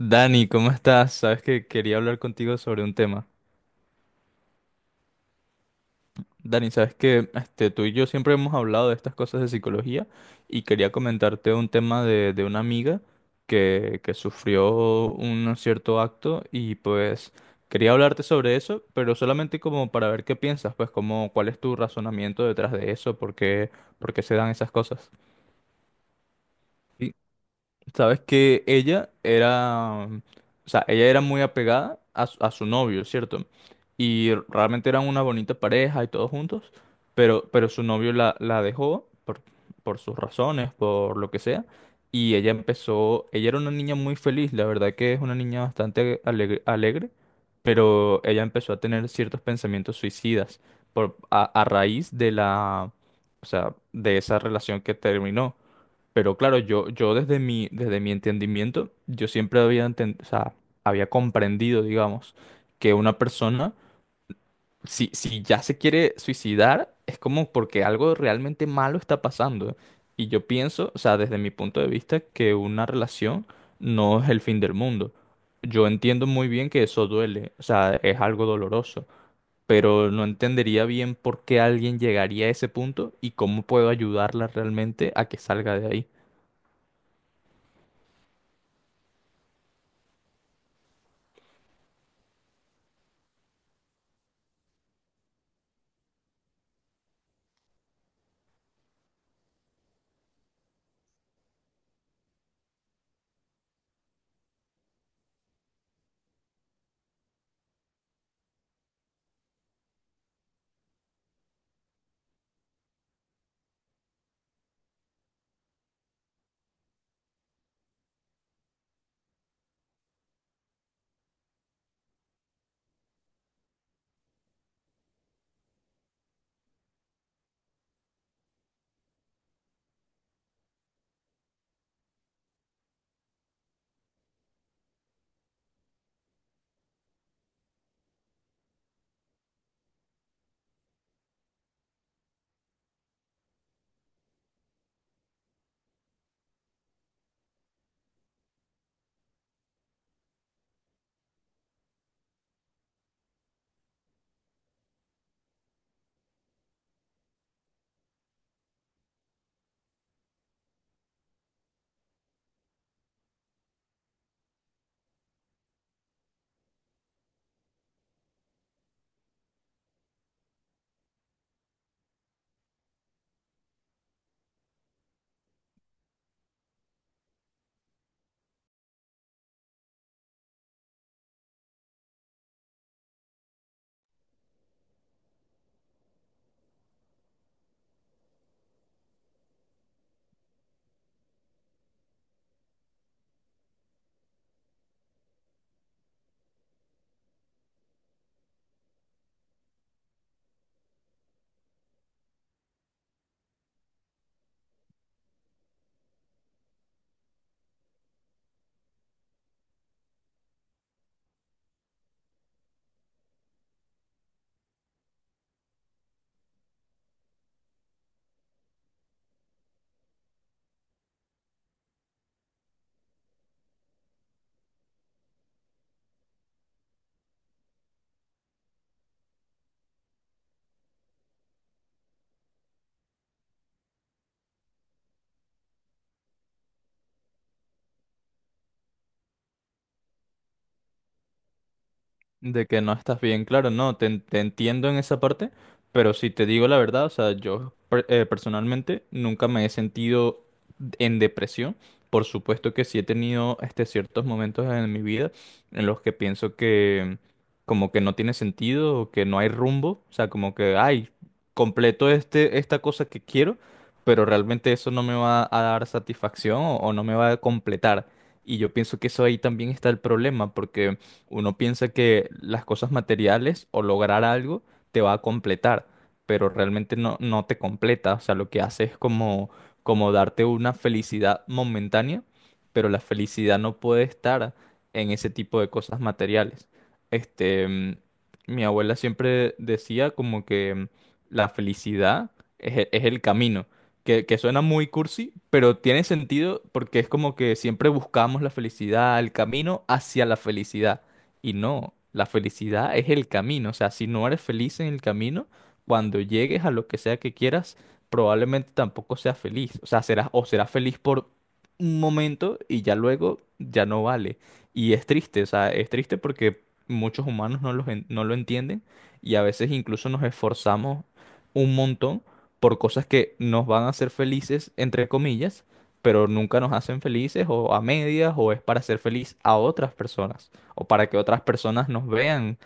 Dani, ¿cómo estás? Sabes que quería hablar contigo sobre un tema. Dani, sabes que este, tú y yo siempre hemos hablado de estas cosas de psicología y quería comentarte un tema de una amiga que sufrió un cierto acto y pues quería hablarte sobre eso, pero solamente como para ver qué piensas, pues como cuál es tu razonamiento detrás de eso, por qué se dan esas cosas. Sabes que ella era, o sea, ella era muy apegada a su novio, ¿cierto? Y realmente eran una bonita pareja y todos juntos, pero su novio la dejó por sus razones, por lo que sea, y ella empezó, ella era una niña muy feliz, la verdad que es una niña bastante alegre, alegre, pero ella empezó a tener ciertos pensamientos suicidas por, a raíz de la, o sea, de esa relación que terminó. Pero claro, yo desde mi entendimiento, yo siempre había, o sea, había comprendido, digamos, que una persona, si ya se quiere suicidar, es como porque algo realmente malo está pasando. Y yo pienso, o sea, desde mi punto de vista, que una relación no es el fin del mundo. Yo entiendo muy bien que eso duele, o sea, es algo doloroso, pero no entendería bien por qué alguien llegaría a ese punto y cómo puedo ayudarla realmente a que salga de ahí. De que no estás bien, claro, no, te entiendo en esa parte, pero si te digo la verdad, o sea, personalmente nunca me he sentido en depresión. Por supuesto que sí he tenido este, ciertos momentos en mi vida en los que pienso que como que no tiene sentido o que no hay rumbo, o sea, como que, ay, completo este, esta cosa que quiero, pero realmente eso no me va a dar satisfacción o no me va a completar. Y yo pienso que eso ahí también está el problema, porque uno piensa que las cosas materiales o lograr algo te va a completar, pero realmente no, no te completa. O sea, lo que hace es como darte una felicidad momentánea, pero la felicidad no puede estar en ese tipo de cosas materiales. Este, mm, mi abuela siempre decía como que la felicidad es, es el camino. Que suena muy cursi, pero tiene sentido porque es como que siempre buscamos la felicidad, el camino hacia la felicidad. Y no, la felicidad es el camino. O sea, si no eres feliz en el camino, cuando llegues a lo que sea que quieras, probablemente tampoco seas feliz. O sea, serás feliz por un momento y ya luego ya no vale. Y es triste, o sea, es triste porque muchos humanos no lo entienden y a veces incluso nos esforzamos un montón por cosas que nos van a hacer felices, entre comillas, pero nunca nos hacen felices o a medias o es para hacer feliz a otras personas o para que otras personas nos vean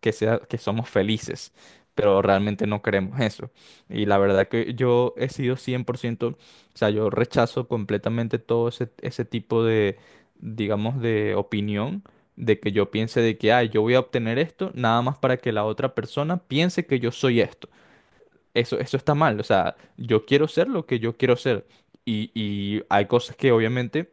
que sea, que somos felices, pero realmente no queremos eso. Y la verdad que yo he sido cien por ciento, o sea, yo rechazo completamente todo ese tipo de, digamos, de opinión, de que yo piense de que, ah, yo voy a obtener esto nada más para que la otra persona piense que yo soy esto. Eso está mal, o sea, yo quiero ser lo que yo quiero ser. Y hay cosas que obviamente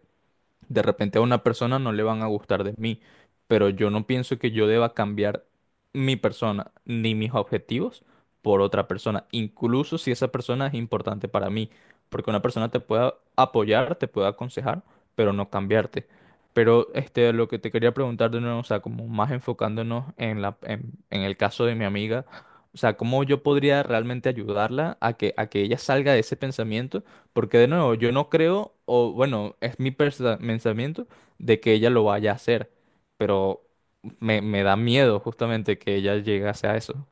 de repente a una persona no le van a gustar de mí, pero yo no pienso que yo deba cambiar mi persona ni mis objetivos por otra persona, incluso si esa persona es importante para mí, porque una persona te puede apoyar, te puede aconsejar, pero no cambiarte. Pero este, lo que te quería preguntar de nuevo, o sea, como más enfocándonos en la, en el caso de mi amiga, o sea, ¿cómo yo podría realmente ayudarla a que ella salga de ese pensamiento? Porque de nuevo, yo no creo, o bueno, es mi pensamiento de que ella lo vaya a hacer, pero me da miedo justamente que ella llegase a eso.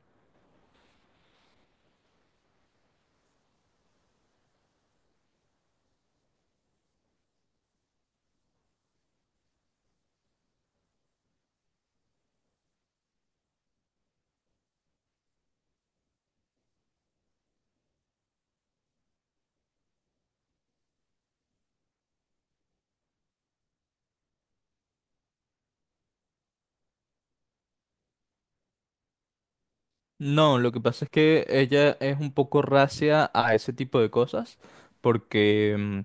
No, lo que pasa es que ella es un poco racia a ese tipo de cosas, porque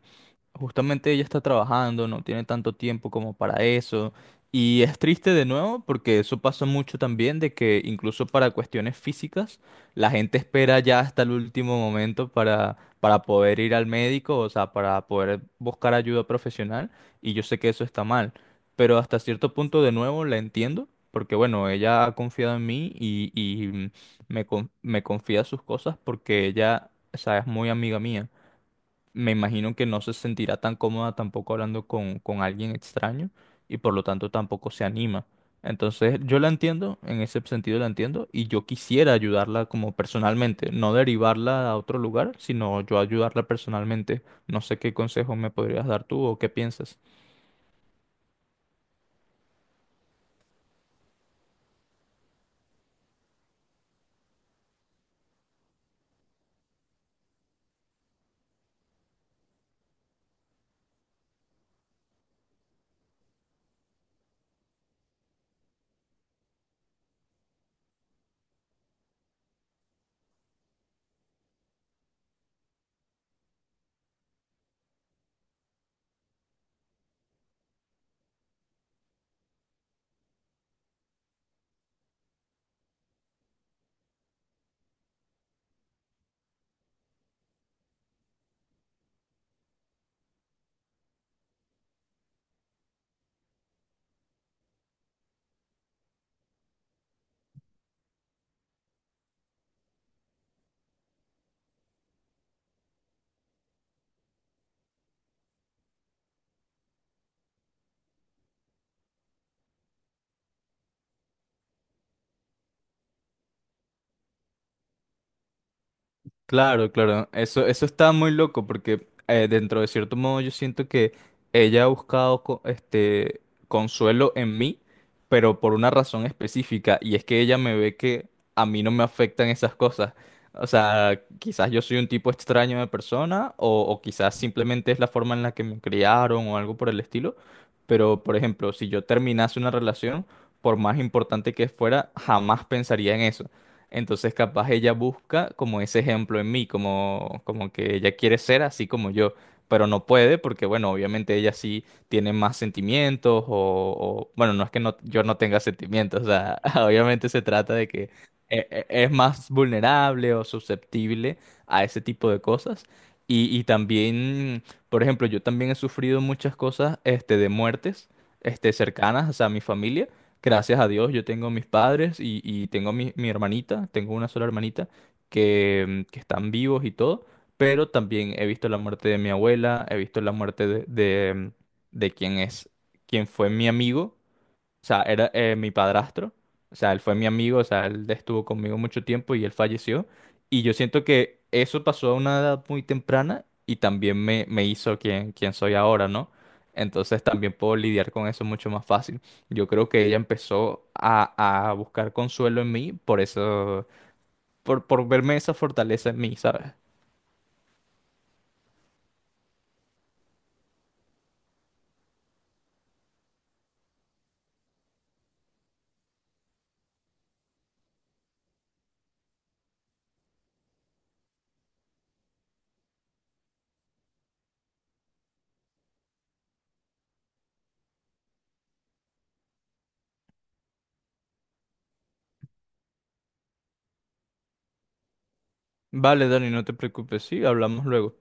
justamente ella está trabajando, no tiene tanto tiempo como para eso. Y es triste de nuevo porque eso pasa mucho también de que incluso para cuestiones físicas la gente espera ya hasta el último momento para poder ir al médico, o sea, para poder buscar ayuda profesional. Y yo sé que eso está mal, pero hasta cierto punto de nuevo la entiendo porque bueno, ella ha confiado en mí y me confía sus cosas porque ella, o sea, es muy amiga mía, me imagino que no se sentirá tan cómoda tampoco hablando con alguien extraño y por lo tanto tampoco se anima. Entonces yo la entiendo, en ese sentido la entiendo y yo quisiera ayudarla como personalmente, no derivarla a otro lugar, sino yo ayudarla personalmente. No sé qué consejo me podrías dar tú o qué piensas. Claro, claro. Eso está muy loco porque dentro de cierto modo yo siento que ella ha buscado consuelo en mí, pero por una razón específica y es que ella me ve que a mí no me afectan esas cosas. O sea, quizás yo soy un tipo extraño de persona o quizás simplemente es la forma en la que me criaron o algo por el estilo, pero, por ejemplo, si yo terminase una relación, por más importante que fuera, jamás pensaría en eso. Entonces, capaz ella busca como ese ejemplo en mí, como que ella quiere ser así como yo, pero no puede porque, bueno, obviamente ella sí tiene más sentimientos o- bueno, no es que no, yo no tenga sentimientos, o sea, obviamente se trata de que es más vulnerable o susceptible a ese tipo de cosas. Y también, por ejemplo, yo también he sufrido muchas cosas, este, de muertes, este, cercanas, o sea, a mi familia. Gracias a Dios, yo tengo mis padres y tengo mi hermanita, tengo una sola hermanita que están vivos y todo, pero también he visto la muerte de mi abuela, he visto la muerte de quien es, quien fue mi amigo, o sea, era mi padrastro, o sea, él fue mi amigo, o sea, él estuvo conmigo mucho tiempo y él falleció. Y yo siento que eso pasó a una edad muy temprana y también me hizo quien, quien soy ahora, ¿no? Entonces también puedo lidiar con eso mucho más fácil. Yo creo que ella empezó a buscar consuelo en mí por eso, por verme esa fortaleza en mí, ¿sabes? Vale, Dani, no te preocupes, sí, hablamos luego.